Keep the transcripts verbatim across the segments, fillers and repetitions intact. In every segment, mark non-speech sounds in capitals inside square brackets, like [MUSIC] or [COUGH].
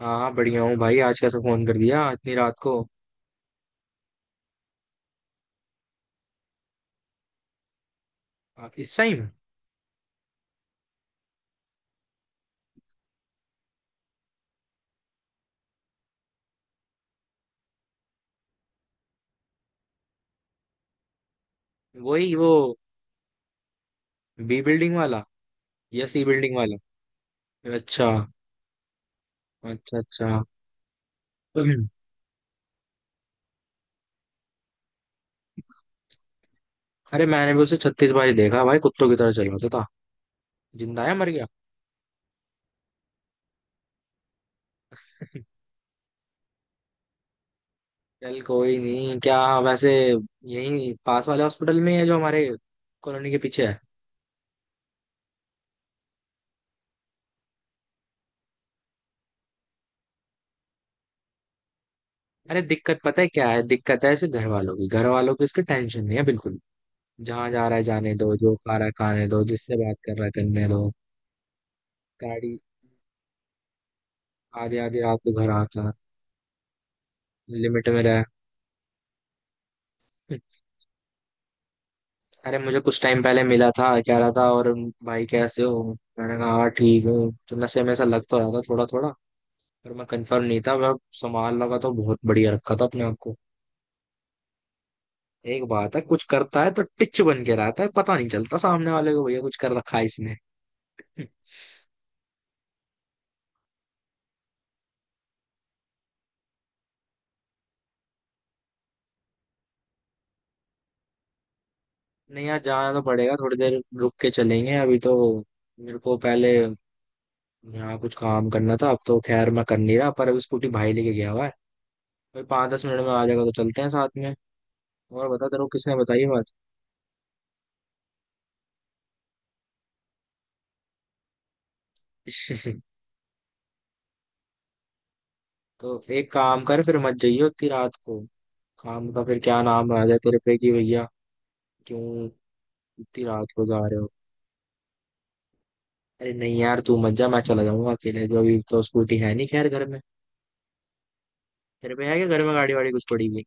हाँ हाँ बढ़िया हूँ भाई। आज कैसे फोन कर दिया इतनी रात को? आ, इस टाइम? वही वो बी बिल्डिंग वाला या सी बिल्डिंग वाला? अच्छा अच्छा अच्छा [CLEARS THROAT] हम्म, अरे मैंने भी उसे छत्तीस बार ही देखा भाई, कुत्तों की तरह चल रहा था तो। जिंदा है मर गया? चल कोई नहीं, क्या वैसे यही पास वाले हॉस्पिटल में है जो हमारे कॉलोनी के पीछे है? अरे दिक्कत पता है क्या है? दिक्कत है इसे घर वालों की, घर वालों की इसकी टेंशन नहीं है बिल्कुल। जहाँ जा रहा है जाने दो, जो खा रहा है खाने दो, जिससे बात कर रहा है करने दो। गाड़ी आधी आधी रात को घर आता है, लिमिट में रहे। अरे मुझे कुछ टाइम पहले मिला था, कह रहा था, और भाई कैसे हो? मैंने कहा हाँ ठीक हूँ। तो नशे में ऐसा लग तो रहा था थोड़ा थोड़ा, पर मैं कंफर्म नहीं था। मैं संभाल लगा तो बहुत बढ़िया रखा था अपने आप को। एक बात है, कुछ करता है तो टिच बन के रहता है, पता नहीं चलता सामने वाले को भैया कुछ कर रखा है इसने। नहीं यार जाना तो पड़ेगा, थोड़ी देर रुक के चलेंगे अभी तो। मेरे को पहले यहाँ कुछ काम करना था, अब तो खैर मैं कर नहीं रहा, पर अभी स्कूटी भाई लेके गया हुआ है। भाई पाँच दस मिनट में आ जाएगा तो चलते हैं साथ में। और बता तेरे को किसने बताई बात? [LAUGHS] तो एक काम कर फिर, मत जाइयो इतनी रात को। काम का फिर क्या नाम आ जाए तेरे पे कि भैया क्यों इतनी रात को जा रहे हो? अरे नहीं यार तू मत जा, मैं चला जाऊंगा अकेले, जो अभी तो स्कूटी है नहीं खैर घर में। तेरे पे है क्या घर में, गाड़ी वाड़ी कुछ पड़ी हुई?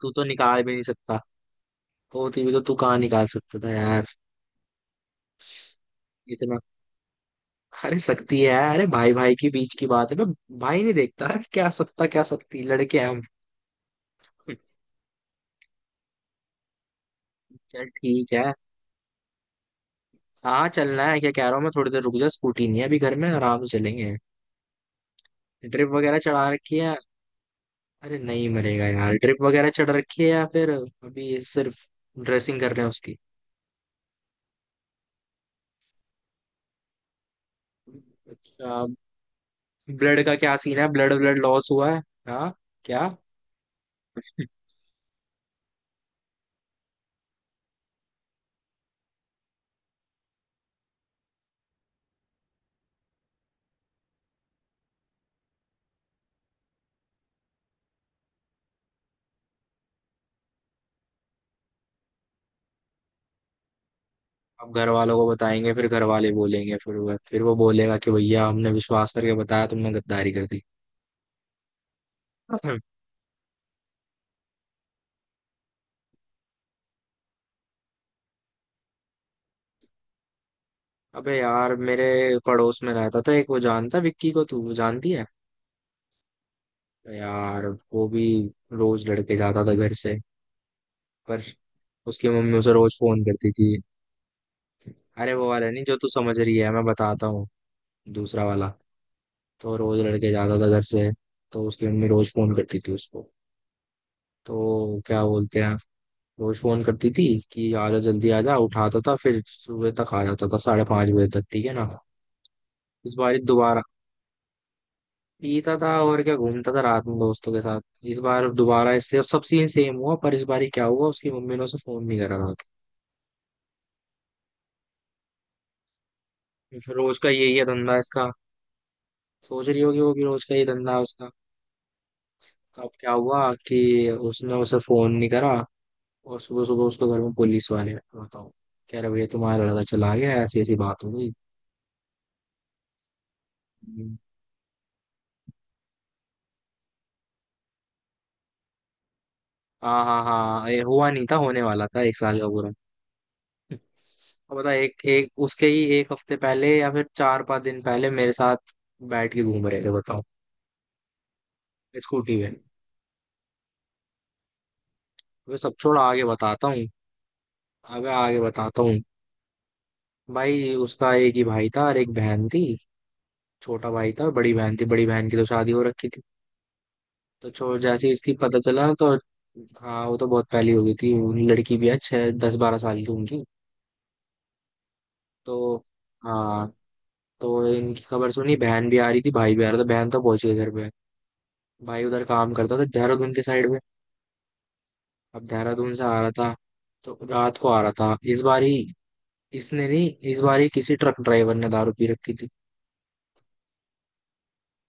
तू तो निकाल भी नहीं सकता। होती भी तो तू कहाँ निकाल सकता था यार? इतना अरे सकती है, अरे भाई भाई के बीच की बात है, मैं भाई नहीं देखता क्या सकता क्या सकती, लड़के हैं हम। [LAUGHS] चल ठीक है। हाँ चलना है, क्या कह रहा हूँ मैं, थोड़ी देर रुक जा, स्कूटी नहीं है अभी घर में, आराम से चलेंगे। ड्रिप वगैरह चढ़ा रखी है? अरे नहीं मरेगा यार, ड्रिप वगैरह चढ़ रखी है या फिर अभी सिर्फ ड्रेसिंग कर रहे हैं उसकी? अच्छा। ब्लड का क्या सीन है? ब्लड ब्लड लॉस हुआ है? हाँ, क्या? अब घर वालों को बताएंगे, फिर घर वाले बोलेंगे, फिर वो फिर वो बोलेगा कि भैया हमने विश्वास करके बताया, तुमने गद्दारी कर दी। [CLEARS THROAT] अबे यार मेरे पड़ोस में रहता था एक, वो जानता है विक्की को तू, वो जानती है। तो यार वो भी रोज लड़के जाता था घर से, पर उसकी मम्मी उसे रोज फोन करती थी। अरे वो वाला नहीं जो तू समझ रही है, मैं बताता हूँ, दूसरा वाला। तो रोज लड़के जाता था घर से, तो उसकी मम्मी रोज फोन करती थी उसको। तो क्या बोलते हैं, रोज फोन करती थी कि आजा जल्दी आजा, उठाता था फिर सुबह तक आ जाता था, साढ़े पाँच बजे तक, ठीक है ना। इस बार दोबारा पीता था और क्या, घूमता था रात में दोस्तों के साथ। इस बार दोबारा इससे सब सीन सेम हुआ, पर इस बार क्या हुआ, उसकी मम्मी ने उसे फोन नहीं करा था। फिर रोज का यही है धंधा इसका, सोच रही होगी वो भी रोज का ही धंधा है उसका। तो अब क्या हुआ कि उसने उसे फोन नहीं करा, और सुबह सुबह उसको घर में पुलिस वाले बताओ, कह रहे भैया तुम्हारा लड़का चला गया, ऐसी ऐसी बात हो गई। हम्म। हाँ हाँ हाँ, ये हुआ नहीं था, होने वाला था एक साल का पूरा। अब बता, एक एक उसके ही एक हफ्ते पहले या फिर चार पांच दिन पहले मेरे साथ बैठ के घूम रहे थे बताओ, स्कूटी पे। अबे सब छोड़, आगे बताता हूँ। अबे आगे बताता हूँ। भाई उसका एक ही भाई था और एक बहन थी। छोटा भाई था और बड़ी बहन थी, बड़ी बहन की तो शादी हो रखी थी। तो छो जैसे ही इसकी पता चला तो, हाँ वो तो बहुत पहली हो गई थी। लड़की भी है छः दस बारह साल की उनकी। तो हाँ, तो इनकी खबर सुनी, बहन भी आ रही थी भाई भी आ रहा था, बहन तो पहुंच गई घर पे। भाई उधर काम करता था देहरादून के साइड में। अब देहरादून से आ रहा था, तो रात को आ रहा था इस बार ही। इसने नहीं, इस बार ही किसी ट्रक ड्राइवर ने दारू पी रखी थी,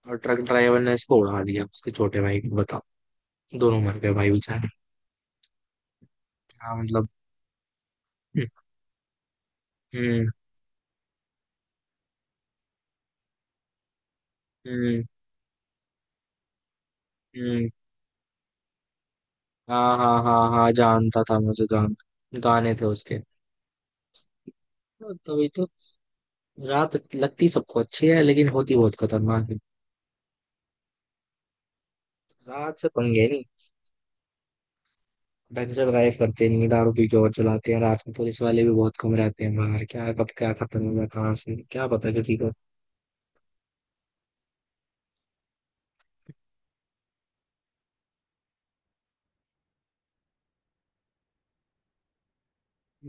और ट्रक ड्राइवर ने इसको उड़ा दिया उसके छोटे भाई को बताओ, दोनों मर गए भाई बेचारे। हाँ मतलब। हम्म। हम्म। हम्म। हाँ हाँ हाँ हाँ जानता था, मुझे गान, गाने थे उसके। हाँ, तभी तो। रात लगती सबको अच्छी है लेकिन होती बहुत खतरनाक है, रात से पंगे नहीं। ढंग से ड्राइव करते नहीं, दारू पी के और चलाते हैं रात में, पुलिस वाले भी बहुत कम रहते हैं बाहर, क्या कब क्या खत्म हुआ कहाँ से क्या पता किसी को।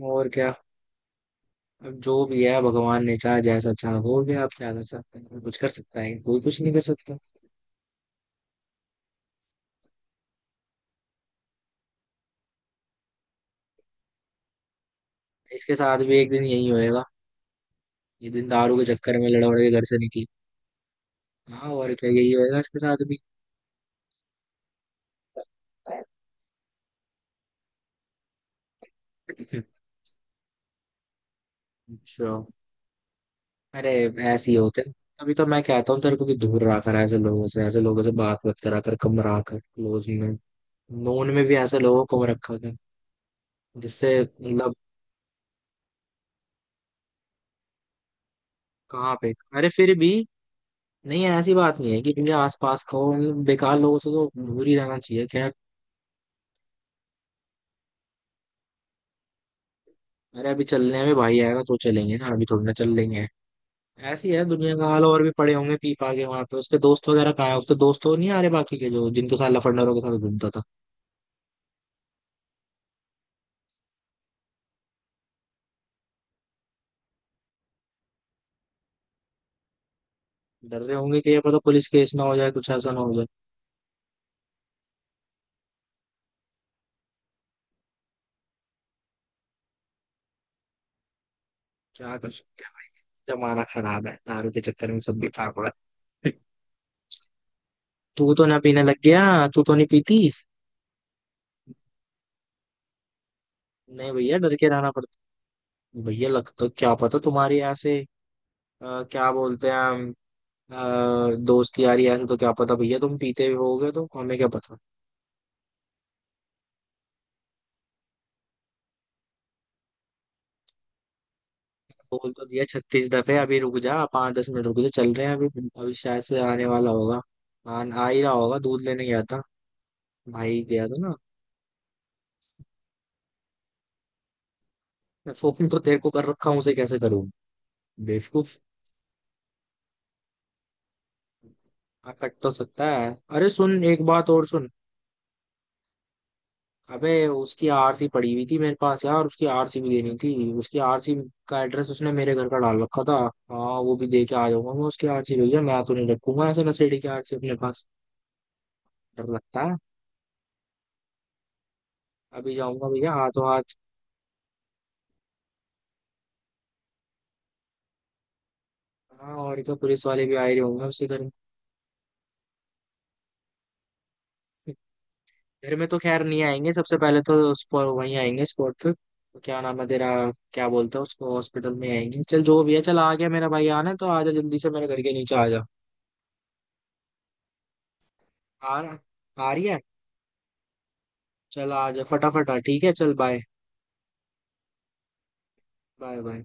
और क्या, अब जो भी है भगवान ने चाहा जैसा चाहा हो गया, आप क्या कर सकते हैं, कोई कुछ कर सकता है, कोई कुछ नहीं कर सकता। इसके साथ भी एक दिन यही होएगा, ये दिन दारू के चक्कर में लड़वड़ के घर से निकले। हाँ और क्या, यही होएगा इसके साथ भी। अच्छा। अरे ऐसे ही होते हैं। अभी तो मैं कहता हूँ तेरे को कि दूर रहा कर ऐसे लोगों से, ऐसे लोगों से बात मत करा कर, कम रहा कर क्लोज में। नोन में भी ऐसे लोगों को कम रखा कर, जिससे मतलब। कहाँ पे? अरे फिर भी, नहीं ऐसी बात नहीं है कि तुझे आसपास का हो, मतलब बेकार लोगों से तो दूर ही रहना चाहिए, खैर। अरे अभी चलने में भाई आएगा तो चलेंगे ना, अभी थोड़ी ना चल लेंगे। ऐसी है दुनिया का हाल, और भी पड़े होंगे पी पा के वहां पे, उसके दोस्त वगैरह कहाँ है, उसके दोस्त तो नहीं आ रहे बाकी के, जो जिनके साथ लफंडरों के साथ घूमता था। डर रहे होंगे कि ये पता पुलिस केस ना हो जाए, कुछ ऐसा ना हो जाए। क्या कर सकते हैं। जमाना खराब है, दारू के चक्कर में सब भी पाक हो रहा है। [LAUGHS] तू तो ना पीने लग गया। तू तो नहीं पीती? नहीं भैया डर के रहना पड़ता। भैया, लगता क्या पता तुम्हारी ऐसे अ, क्या बोलते हैं हम, अ, दोस्त यारी, ऐसे तो क्या पता भैया तुम पीते भी होगे तो हमें क्या पता। बोल तो दिया छत्तीस दफे, अभी रुक जा, पाँच दस मिनट रुक जा, चल रहे हैं अभी, अभी शायद से आने वाला होगा। आ, आ ही रहा होगा, दूध लेने गया था भाई, गया था ना। मैं फोन तो तेरे को कर रखा हूँ, उसे कैसे करूँ बेवकूफ? हाँ, कट तो सकता है, अरे सुन एक बात और सुन। अबे उसकी आरसी पड़ी हुई थी मेरे पास यार, उसकी आरसी भी देनी थी। उसकी आरसी का एड्रेस उसने मेरे घर का डाल रखा था। हाँ वो भी दे के आ जाऊंगा मैं उसकी आरसी, भैया मैं तो नहीं रखूंगा ऐसे नशेड़ी की आरसी अपने पास, डर लगता है। अभी जाऊंगा भैया हाथों हाथ। हाँ, और तो पुलिस वाले भी आ ही होंगे उसके घर में। घर में तो खैर नहीं आएंगे, सबसे पहले तो स्पॉट वहीं आएंगे, स्पॉट पे तो क्या नाम है तेरा, क्या बोलते हैं उसको, हॉस्पिटल में आएंगे। चल जो भी है, चल आ गया मेरा भाई, आना है तो आजा जल्दी से मेरे घर के नीचे आ जा। आ रहा, आ रही है? चल आ जा फटाफट आ, ठीक है, चल बाय, बाय बाय।